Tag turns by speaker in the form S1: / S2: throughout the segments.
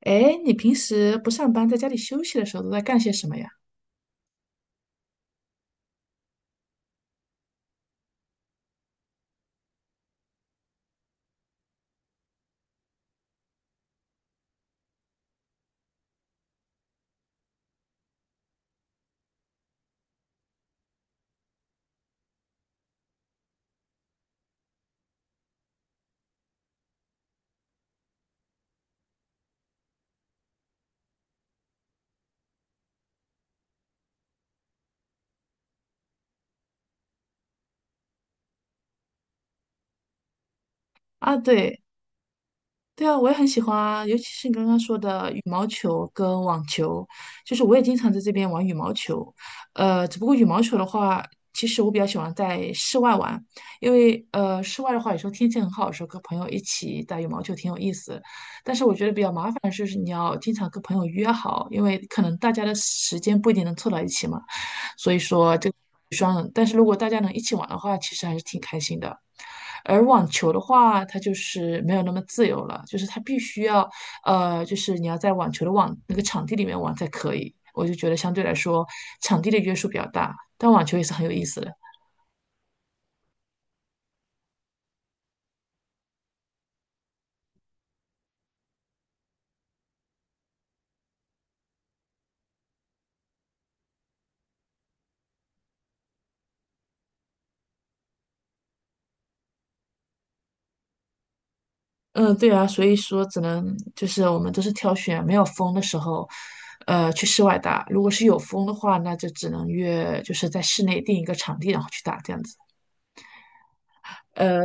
S1: 哎，你平时不上班，在家里休息的时候都在干些什么呀？啊，对。对啊，我也很喜欢啊，尤其是你刚刚说的羽毛球跟网球，就是我也经常在这边玩羽毛球。只不过羽毛球的话，其实我比较喜欢在室外玩，因为室外的话，有时候天气很好的时候，跟朋友一起打羽毛球挺有意思的。但是我觉得比较麻烦的是，你要经常跟朋友约好，因为可能大家的时间不一定能凑到一起嘛，所以说。但是如果大家能一起玩的话，其实还是挺开心的。而网球的话，它就是没有那么自由了，就是它必须要，就是你要在网球的网那个场地里面玩才可以。我就觉得相对来说，场地的约束比较大，但网球也是很有意思的。嗯，对啊，所以说只能就是我们都是挑选没有风的时候，去室外打。如果是有风的话，那就只能约就是在室内定一个场地，然后去打这样子。呃，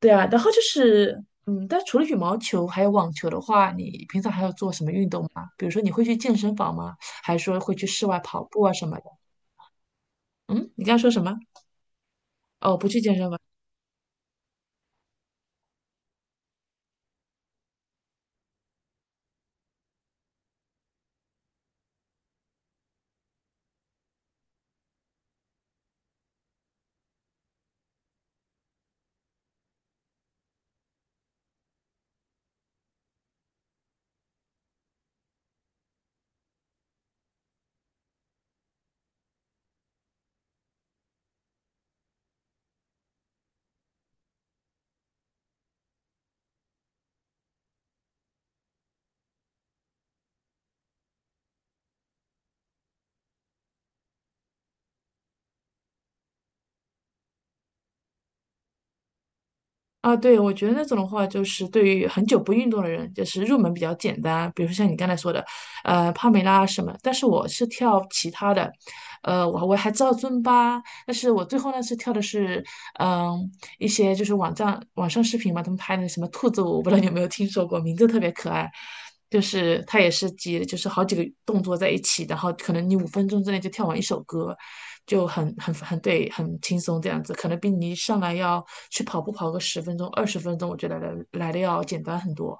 S1: 对啊，然后就是，嗯，但除了羽毛球还有网球的话，你平常还要做什么运动吗？比如说你会去健身房吗？还是说会去室外跑步啊什么的？嗯，你刚刚说什么？哦，不去健身房啊？对，我觉得那种的话，就是对于很久不运动的人，就是入门比较简单，比如说像你刚才说的，帕梅拉啊什么。但是我是跳其他的，我还知道尊巴，但是我最后呢是跳的是，嗯，一些就是网站网上视频嘛，他们拍的什么兔子舞，我不知道你有没有听说过，名字特别可爱，就是它也是几，就是好几个动作在一起，然后可能你5分钟之内就跳完一首歌，就很对，很轻松这样子，可能比你一上来要去跑步跑个十分钟、20分钟，我觉得来的要简单很多。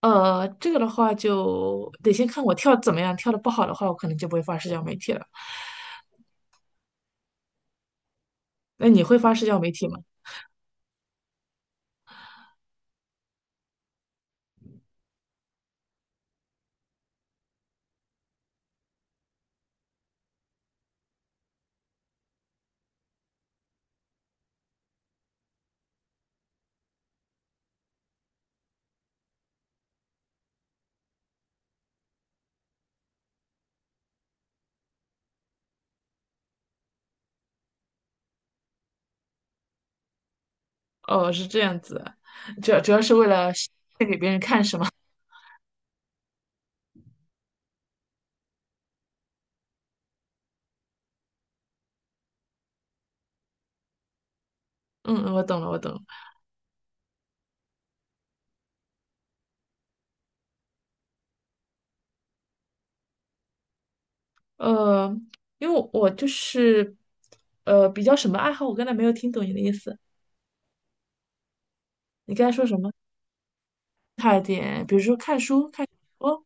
S1: 这个的话就得先看我跳得怎么样，跳的不好的话，我可能就不会发社交媒体了。那你会发社交媒体吗？哦，是这样子啊。主要是为了，嗯嗯，我懂了，我懂了。呃，因为我就是比较什么爱好，我刚才没有听懂你的意思，你刚才说什么？差一点，比如说看书、看。哦。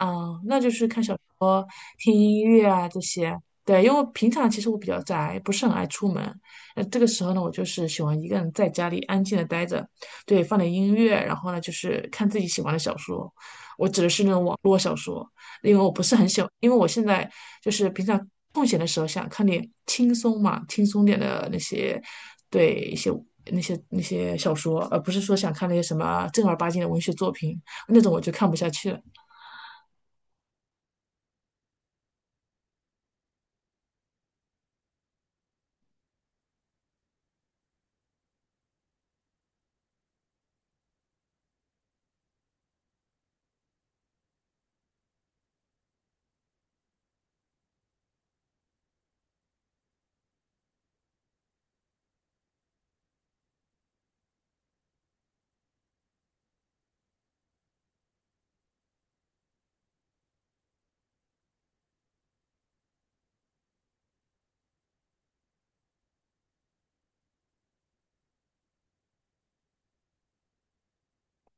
S1: 嗯，那就是看小说、听音乐啊这些。对，因为我平常其实我比较宅，不是很爱出门。那这个时候呢，我就是喜欢一个人在家里安静的待着，对，放点音乐，然后呢就是看自己喜欢的小说。我指的是那种网络小说，因为我不是很喜欢，因为我现在就是平常空闲的时候想看点轻松嘛，轻松点的那些，对，一些那些小说，而不是说想看那些什么正儿八经的文学作品，那种我就看不下去了。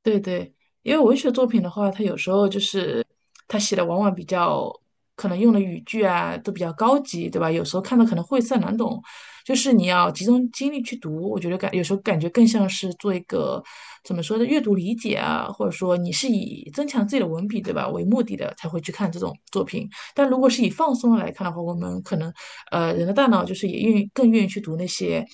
S1: 对对，因为文学作品的话，它有时候就是它写的往往比较可能用的语句啊都比较高级，对吧？有时候看的可能晦涩难懂，就是你要集中精力去读，我觉得有时候感觉更像是做一个怎么说的阅读理解啊，或者说你是以增强自己的文笔，对吧，为目的的才会去看这种作品。但如果是以放松来看的话，我们可能人的大脑就是也愿意更愿意去读那些。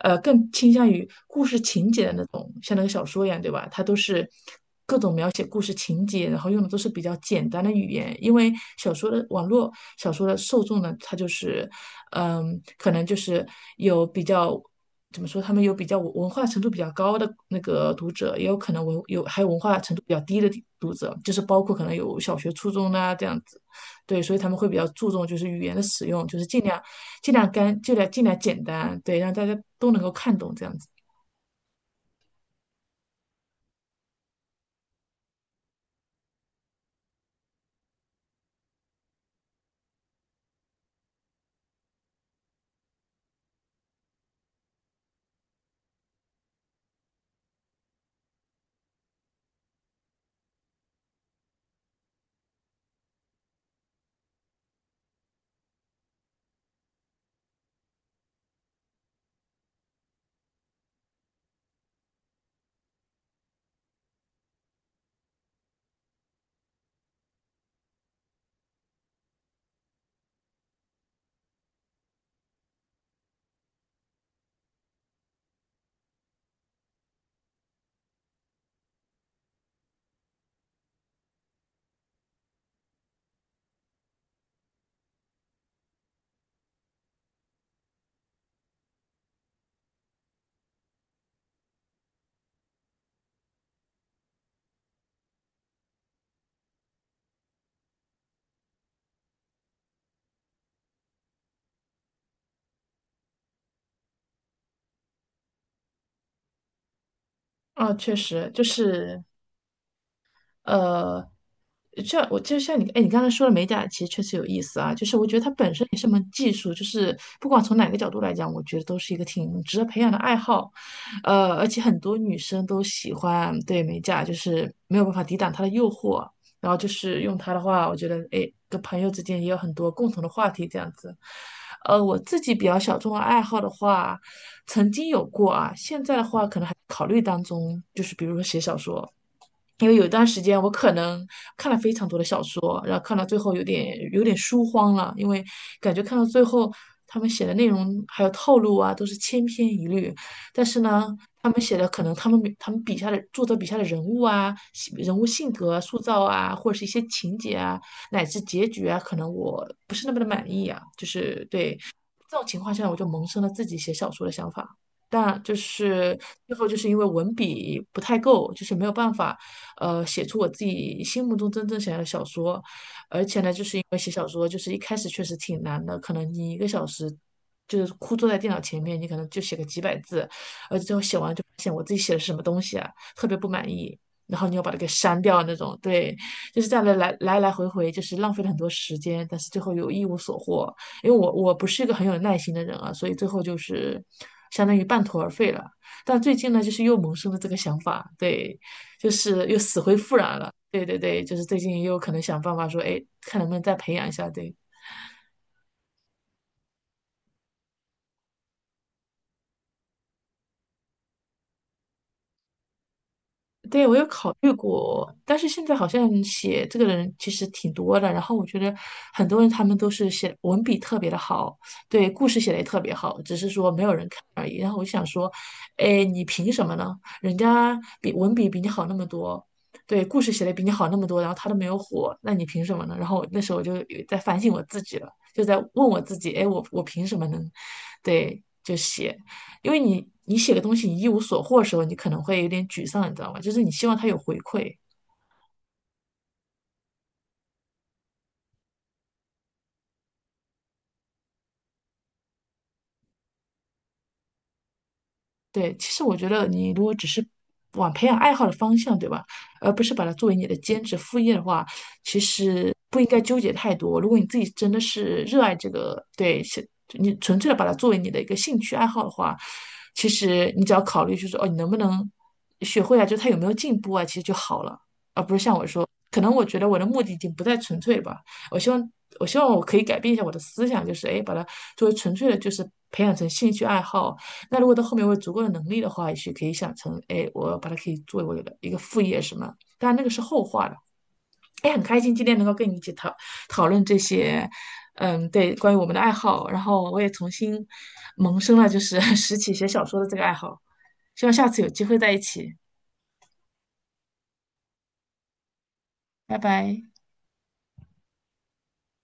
S1: 更倾向于故事情节的那种，像那个小说一样，对吧？它都是各种描写故事情节，然后用的都是比较简单的语言，因为小说的网络小说的受众呢，它就是，嗯，可能就是有比较。怎么说？他们有比较文化程度比较高的那个读者，也有可能文有还有文化程度比较低的读者，就是包括可能有小学、初中啊这样子。对，所以他们会比较注重就是语言的使用，就是尽量尽量干，尽量尽量简单，对，让大家都能够看懂这样子。哦，确实就是呃，这样我就像你，哎，你刚才说的美甲其实确实有意思啊，就是我觉得它本身也是门技术，就是不管从哪个角度来讲，我觉得都是一个挺值得培养的爱好，而且很多女生都喜欢对美甲，就是没有办法抵挡它的诱惑，然后就是用它的话，我觉得哎，跟朋友之间也有很多共同的话题这样子。我自己比较小众的爱好的话，曾经有过啊，现在的话可能还考虑当中，就是比如说写小说。因为有一段时间我可能看了非常多的小说，然后看到最后有点书荒了，因为感觉看到最后他们写的内容还有套路啊都是千篇一律，但是呢，他们写的可能他们笔下的作者笔下的人物啊、人物性格啊塑造啊，或者是一些情节啊，乃至结局啊，可能我不是那么的满意啊，就是对这种情况下，我就萌生了自己写小说的想法。但就是最后就是因为文笔不太够，就是没有办法，写出我自己心目中真正想要的小说。而且呢，就是因为写小说，就是一开始确实挺难的，可能你一个小时就是枯坐在电脑前面，你可能就写个几百字，而且最后写完就发现我自己写的是什么东西啊，特别不满意。然后你又把它给删掉那种，对，就是这样的来来回回，就是浪费了很多时间，但是最后又一无所获。因为我不是一个很有耐心的人啊，所以最后就是相当于半途而废了。但最近呢，就是又萌生了这个想法，对，就是又死灰复燃了。对对对，就是最近又可能想办法说，哎，看能不能再培养一下，对。对，我有考虑过，但是现在好像写这个的人其实挺多的，然后我觉得很多人他们都是写文笔特别的好，对，故事写的也特别好，只是说没有人看而已。然后我就想说，哎，你凭什么呢？人家比文笔比你好那么多，对，故事写的比你好那么多，然后他都没有火，那你凭什么呢？然后那时候我就有在反省我自己了，就在问我自己，哎，我凭什么能，对，就写。因为你写个东西你一无所获的时候，你可能会有点沮丧，你知道吗？就是你希望它有回馈，对，其实我觉得你如果只是往培养爱好的方向，对吧？而不是把它作为你的兼职副业的话，其实不应该纠结太多。如果你自己真的是热爱这个，对，是你纯粹的把它作为你的一个兴趣爱好的话，其实你只要考虑就是哦，你能不能学会啊？就他有没有进步啊？其实就好了，而不是像我说，可能我觉得我的目的已经不再纯粹了吧。我希望，我希望我可以改变一下我的思想，就是哎，诶把它作为纯粹的，就是培养成兴趣爱好。那如果到后面我有足够的能力的话，也许可以想成，哎，我把它可以作为我的一个副业什么。当然那个是后话了。哎，很开心今天能够跟你一起讨论这些，嗯，对，关于我们的爱好。然后我也重新萌生了就是 拾起写小说的这个爱好，希望下次有机会在一起。拜拜。